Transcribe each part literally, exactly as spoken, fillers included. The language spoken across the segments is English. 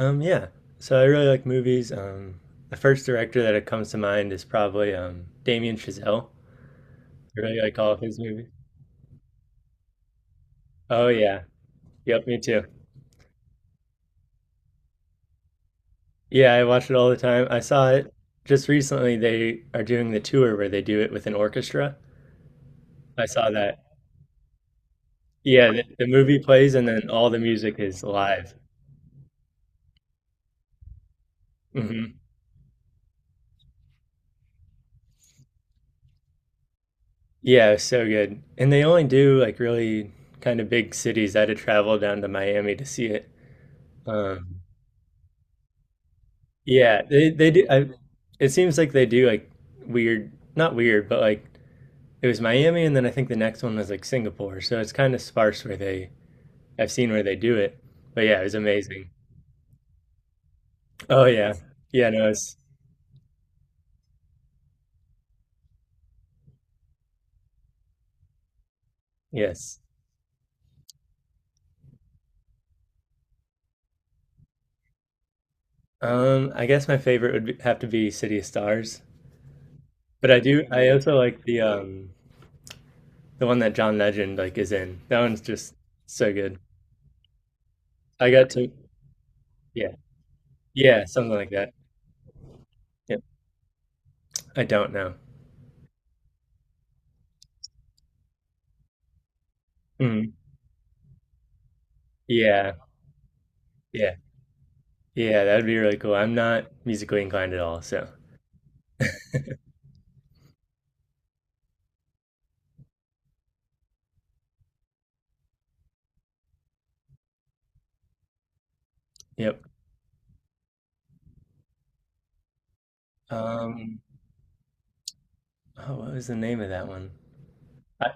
Um, yeah. So I really like movies. Um, the first director that comes to mind is probably um, Damien Chazelle. I really like all of his movies. Oh yeah. Yep, me too. Yeah, I watch it all the time. I saw it just recently. They are doing the tour where they do it with an orchestra. I saw that. Yeah, the, the movie plays and then all the music is live. Hmm. Yeah, it was so good. And they only do like really kind of big cities. I had to travel down to Miami to see it. Um, Yeah, they they do. I, it seems like they do like weird, not weird, but like it was Miami, and then I think the next one was like Singapore. So it's kind of sparse where they I've seen where they do it. But yeah, it was amazing. Oh yeah, yeah. No, it's yes. Um, I guess my favorite would be, have to be City of Stars, but I do. I also like the um the one that John Legend like is in. That one's just so good. I got to yeah yeah something like that. Yep. I don't know. Mm, yeah yeah. Yeah, that would be really cool. I'm not musically inclined at all, so yep. Um, oh, what was the name of that one? I,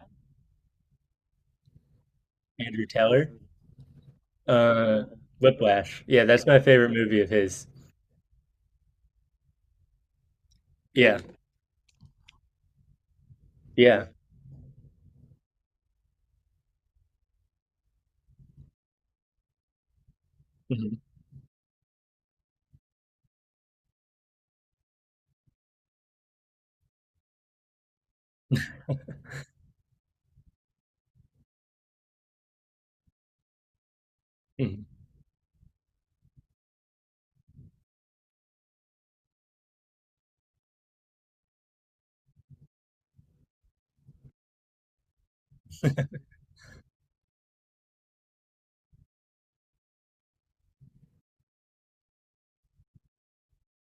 Andrew Taylor? Uh, Whiplash. Yeah, that's my favorite movie of his. Yeah, yeah. Mhm, mhm.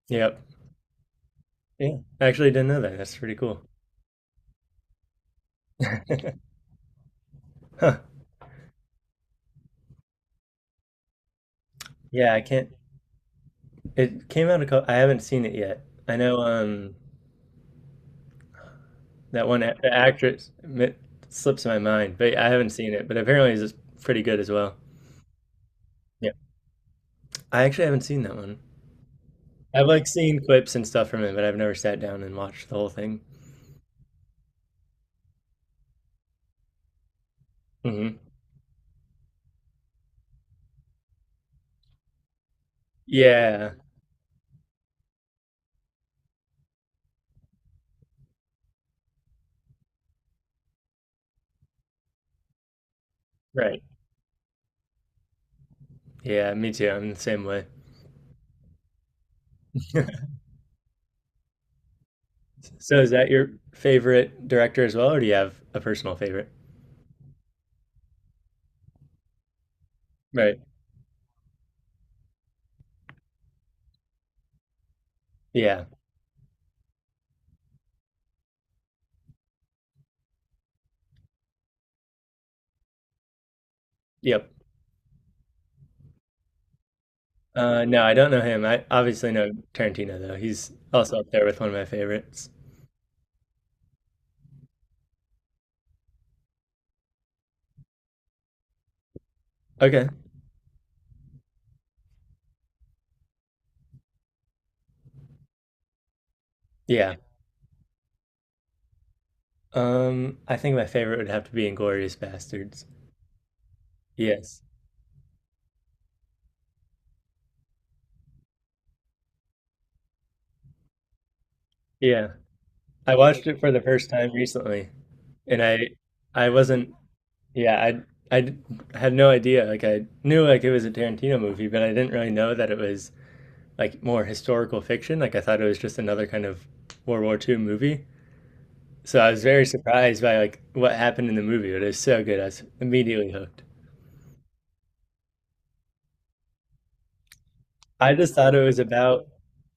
Yep. Yeah, I actually didn't know that. That's pretty cool. Huh. Yeah, I can't. It came out a couple. I haven't seen it yet. I know um that one a- actress it slips my mind, but I haven't seen it. But apparently, it's pretty good as well. Yeah, I actually haven't seen that one. I've like seen clips and stuff from it, but I've never sat down and watched the whole thing. Hmm. Yeah, right. Yeah, me too. I'm the same way. So is that your favorite director as well, or do you have a personal favorite? Right. Yeah. Yep. Uh, no, I don't know him. I obviously know Tarantino though. He's also up there with one of my favorites. Okay. Yeah. Um, I think my favorite would have to be Inglorious Bastards. Yes. Yeah. I watched it for the first time recently, and I I wasn't. Yeah, I I d- had no idea. Like I knew like it was a Tarantino movie, but I didn't really know that it was like more historical fiction. Like I thought it was just another kind of World War two movie. So I was very surprised by like what happened in the movie, but it was so good. I was immediately hooked. I just thought it was about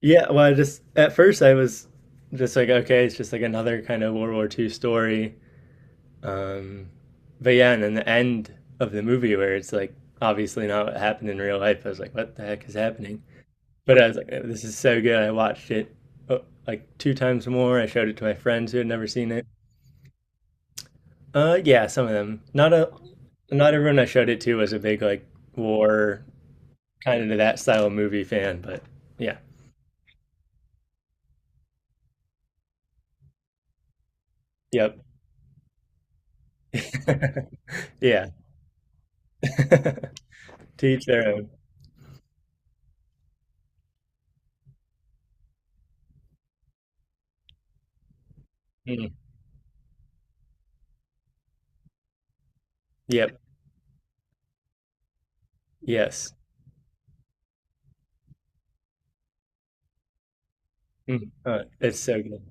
yeah, well I just at first I was just like okay, it's just like another kind of World War two story. Um but yeah, and then the end of the movie where it's like obviously not what happened in real life, I was like what the heck is happening? But I was like, "Oh, this is so good. I watched it uh, like two times more. I showed it to my friends who had never seen it. Uh, yeah, some of them. Not a, not everyone I showed it to was a big like war kind of that style of movie fan, but yeah, yep, yeah. To each their own. Mm. Yep. Yes. Mm. Uh, it's so good.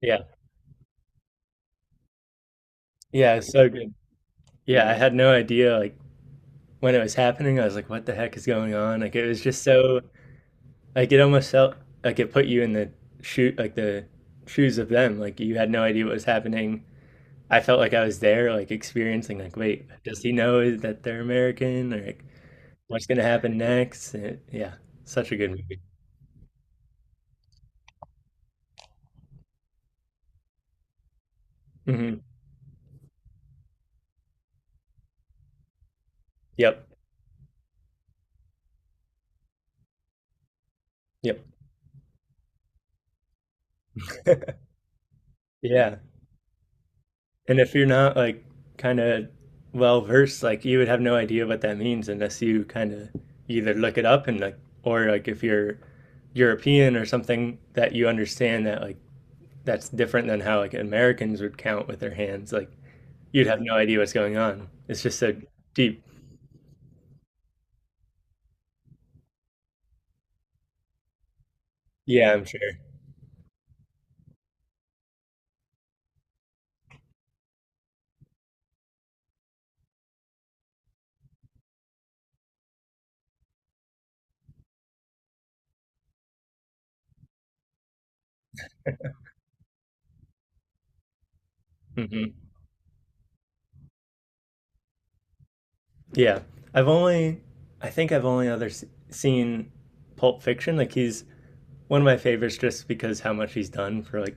Yeah. Yeah, it's so good. Yeah, I had no idea like when it was happening. I was like, what the heck is going on? Like it was just so like it almost felt like it put you in the shoe like the shoes of them. Like you had no idea what was happening. I felt like I was there, like experiencing like, wait, does he know that they're American? Or like, what's gonna happen next? And- yeah, such a good movie. Hmm. Yep. Yep. Yeah. And if you're not like kind of well versed, like you would have no idea what that means unless you kind of either look it up and like, or like if you're European or something that you understand that like that's different than how like Americans would count with their hands. Like you'd have no idea what's going on. It's just so deep. Yeah, I'm sure. Hmm. Yeah, I've only, I think I've only other s- seen Pulp Fiction. Like he's one of my favorites just because how much he's done for like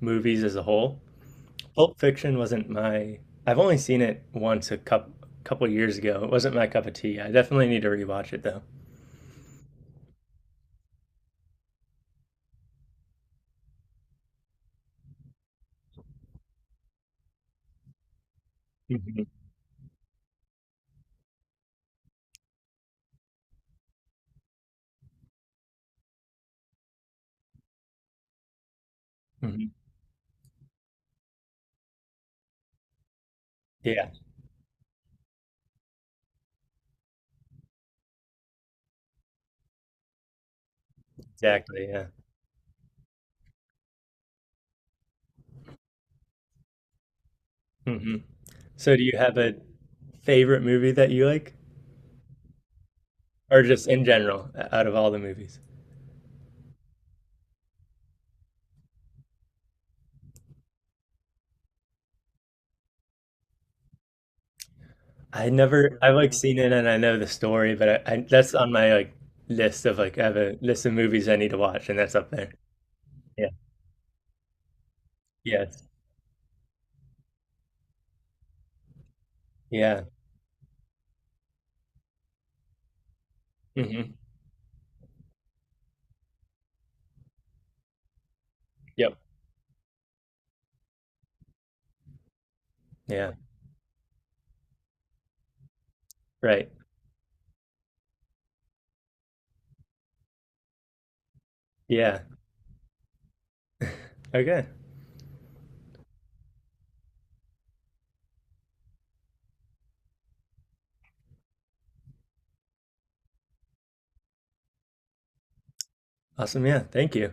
movies as a whole. Pulp Fiction wasn't my. I've only seen it once a cup, couple years ago. It wasn't my cup of tea. I definitely need to rewatch it though. Hmm. Hmm. Yeah, exactly. Yeah. Hmm. So, do you have a favorite movie that you like, or just in general, o- out of all the movies? I never, I've like seen it and I know the story, but I, I that's on my like list of like I have a list of movies I need to watch, and that's up there. Yeah. Yes. Yeah. Hmm. Yep. Yeah. Right. Yeah. Okay. Awesome. Yeah. Thank you.